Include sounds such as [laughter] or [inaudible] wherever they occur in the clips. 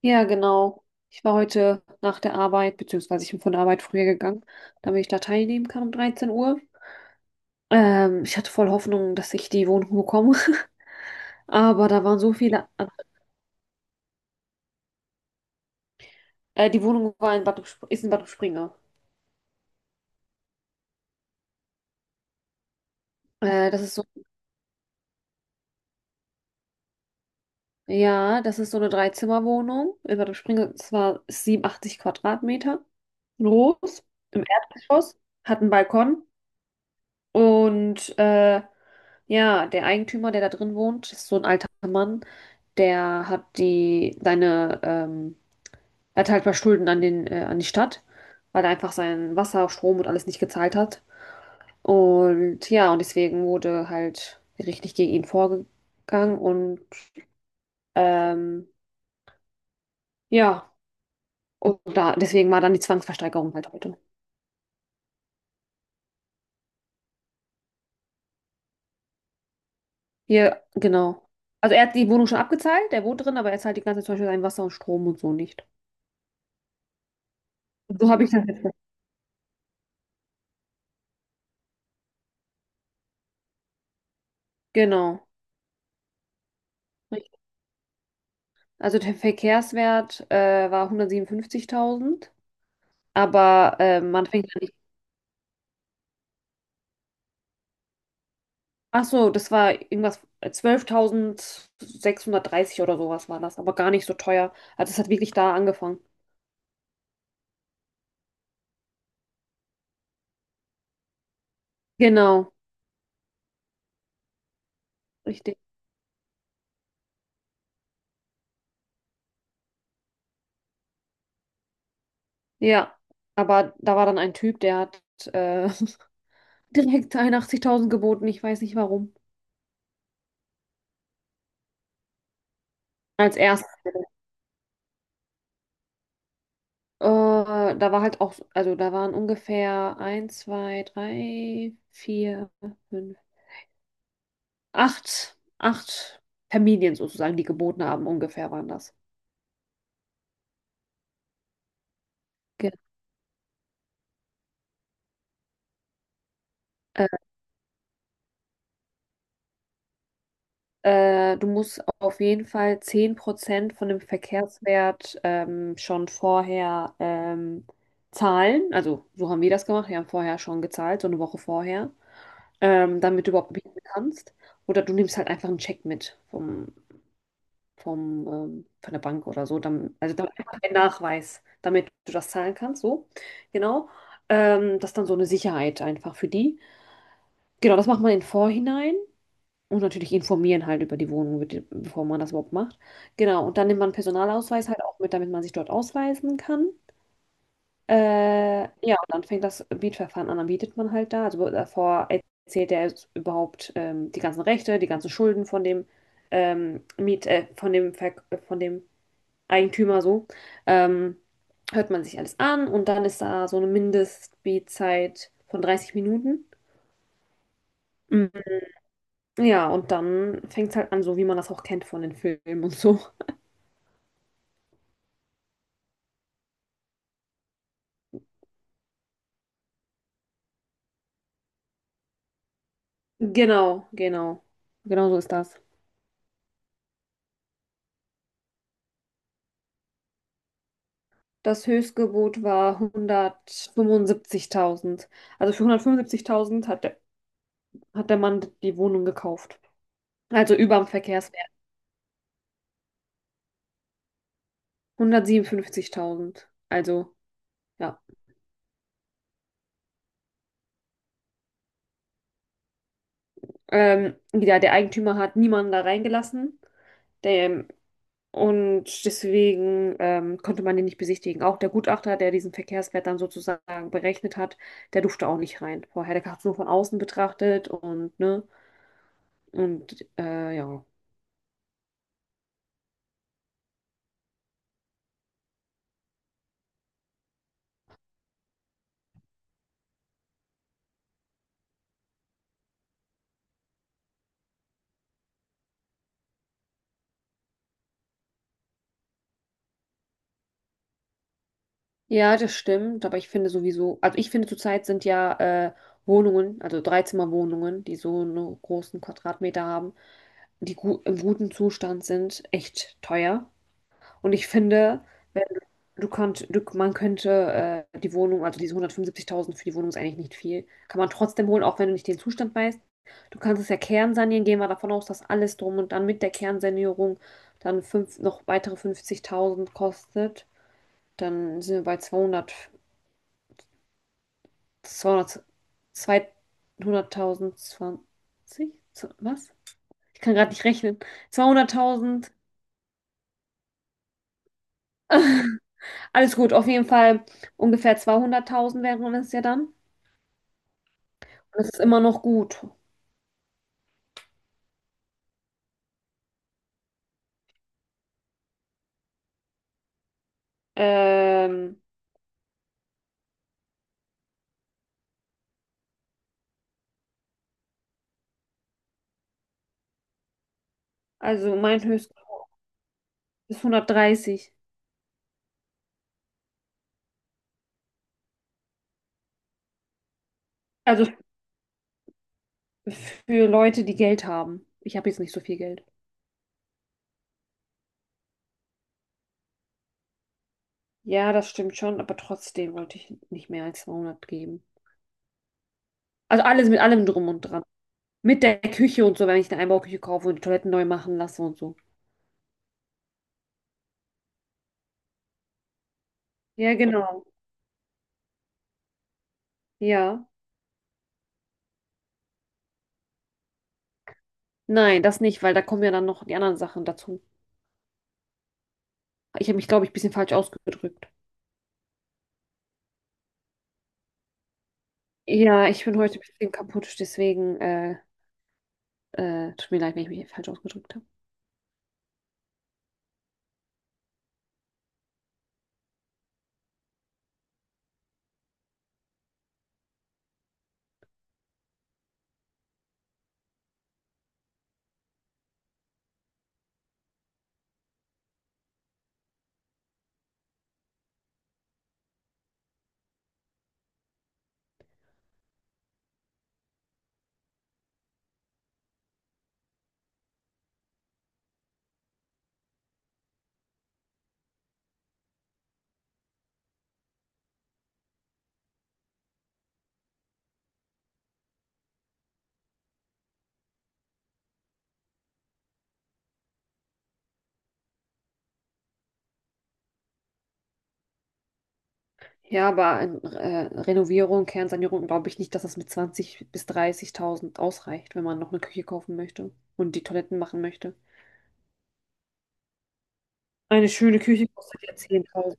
Ja, genau. Ich war heute nach der Arbeit, beziehungsweise ich bin von der Arbeit früher gegangen, damit ich da teilnehmen kann um 13 Uhr. Ich hatte voll Hoffnung, dass ich die Wohnung bekomme. [laughs] Aber da waren so viele. Die Wohnung war in Bad, Sp- ist in Bad Springe. Äh, das ist so, ja, das ist so eine Dreizimmerwohnung in Bad Springe. Es war 87 Quadratmeter groß, im Erdgeschoss, hat einen Balkon. Und ja, der Eigentümer, der da drin wohnt, ist so ein alter Mann, der hat die seine, er hat halt ein paar Schulden an an die Stadt, weil er einfach sein Wasser, Strom und alles nicht gezahlt hat. Und ja, und deswegen wurde halt richtig gegen ihn vorgegangen und ähm, ja, deswegen war dann die Zwangsversteigerung halt heute. Hier, genau. Also er hat die Wohnung schon abgezahlt, er wohnt drin, aber er zahlt die ganze Zeit zum Beispiel sein Wasser und Strom und so nicht. So habe ich das. Genau. Richtig. Also der Verkehrswert war 157.000, aber man fängt ja nicht. Ach so, das war irgendwas 12.630 oder sowas war das, aber gar nicht so teuer. Also es hat wirklich da angefangen. Genau, richtig. Ja, aber da war dann ein Typ, der hat äh, [laughs] direkt 81.000 geboten, ich weiß nicht warum. Als erstes. Da war halt auch, also da waren ungefähr eins, 2, 3, 4, fünf, acht, acht Familien sozusagen, die geboten haben, ungefähr waren das. Ge- Äh, Du musst auf jeden Fall 10% von dem Verkehrswert schon vorher zahlen. Also so haben wir das gemacht. Wir haben vorher schon gezahlt, so eine Woche vorher, damit du überhaupt bieten kannst. Oder du nimmst halt einfach einen Check mit von der Bank oder so. Dann, also dann einfach ein Nachweis, damit du das zahlen kannst. So, genau. Das ist dann so eine Sicherheit einfach für die. Genau, das macht man im Vorhinein und natürlich informieren halt über die Wohnung, bevor man das überhaupt macht. Genau, und dann nimmt man einen Personalausweis halt auch mit, damit man sich dort ausweisen kann. Ja, und dann fängt das Mietverfahren an, dann mietet man halt da. Also davor erzählt er jetzt überhaupt die ganzen Rechte, die ganzen Schulden von dem von dem Verk von dem Eigentümer so. Ähm, Hört man sich alles an und dann ist da so eine Mindestmietzeit von 30 Minuten. Ja, und dann fängt's halt an, so wie man das auch kennt von den Filmen und so. Genau, genau. Genau so ist das. Das Höchstgebot war 175.000. Also für 175.000 hat der Mann die Wohnung gekauft. Also über dem Verkehrswert. 157.000. Also, ja. Ja, der Eigentümer hat niemanden da reingelassen. Der, Und deswegen konnte man den nicht besichtigen. Auch der Gutachter, der diesen Verkehrswert dann sozusagen berechnet hat, der durfte auch nicht rein. Vorher, der hat es nur von außen betrachtet und ne. Und ja. Ja, das stimmt. Aber ich finde sowieso, also ich finde zurzeit sind ja äh, Wohnungen, also Dreizimmerwohnungen, die so einen großen Quadratmeter haben, die gu im guten Zustand sind, echt teuer. Und ich finde, wenn man könnte die Wohnung, also diese 175.000 für die Wohnung ist eigentlich nicht viel, kann man trotzdem holen, auch wenn du nicht den Zustand weißt. Du kannst es ja kernsanieren, gehen wir davon aus, dass alles drum und dann mit der Kernsanierung dann noch weitere 50.000 kostet. Dann sind wir bei zweihundert 200.000, 20, was? Ich kann gerade nicht rechnen. 200.000. Alles gut, auf jeden Fall ungefähr 200.000 wären es ja dann. Das ist immer noch gut. Ähm, also mein Höchst ist 130. Also für Leute, die Geld haben. Ich habe jetzt nicht so viel Geld. Ja, das stimmt schon, aber trotzdem wollte ich nicht mehr als 200 geben. Also alles mit allem drum und dran. Mit der Küche und so, wenn ich eine Einbauküche kaufe und die Toiletten neu machen lasse und so. Ja, genau. Ja. Nein, das nicht, weil da kommen ja dann noch die anderen Sachen dazu. Ich habe mich, glaube ich, ein bisschen falsch ausgedrückt. Ja, ich bin heute ein bisschen kaputt, deswegen tut mir leid, wenn ich mich falsch ausgedrückt habe. Ja, aber Renovierung, Kernsanierung glaube ich nicht, dass das mit 20 bis 30.000 ausreicht, wenn man noch eine Küche kaufen möchte und die Toiletten machen möchte. Eine schöne Küche kostet ja zehntausend.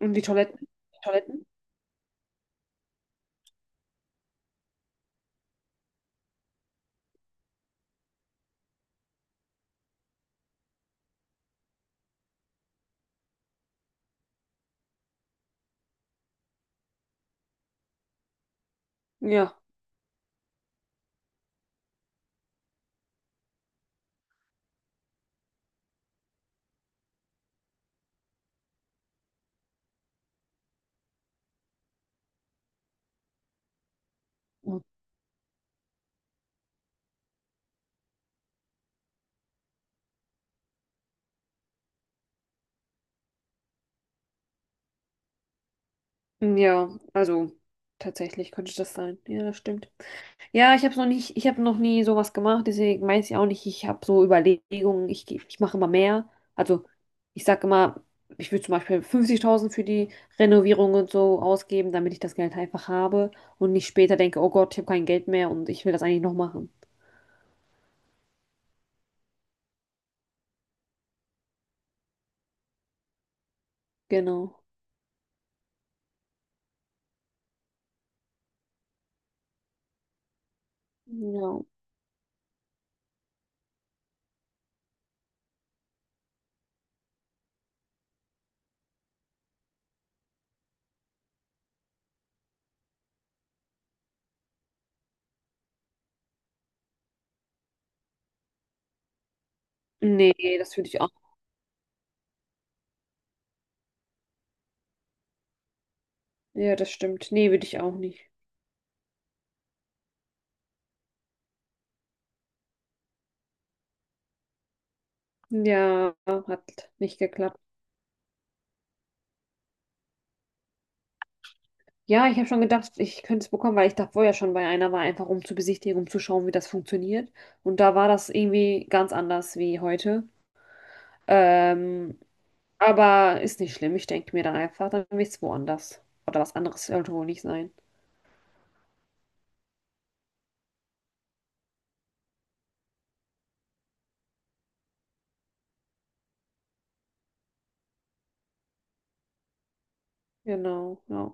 Und die Toiletten? Die Toiletten? Ja. Ja, also tatsächlich könnte das sein. Ja, das stimmt. Ja, ich habe noch nie sowas gemacht, deswegen weiß ich auch nicht, ich habe so Überlegungen, ich mache immer mehr. Also ich sage immer, ich würde zum Beispiel 50.000 für die Renovierung und so ausgeben, damit ich das Geld einfach habe und nicht später denke, oh Gott, ich habe kein Geld mehr und ich will das eigentlich noch machen. Genau. Ja. Nee, das würde ich auch. Ja, das stimmt. Nee, würde ich auch nicht. Ja, hat nicht geklappt. Ja, ich habe schon gedacht, ich könnte es bekommen, weil ich da vorher schon bei einer war, einfach um zu besichtigen, um zu schauen, wie das funktioniert. Und da war das irgendwie ganz anders wie heute. Ähm, aber ist nicht schlimm. Ich denke mir dann einfach, dann will ich es woanders. Oder was anderes sollte wohl nicht sein. Genau, ja.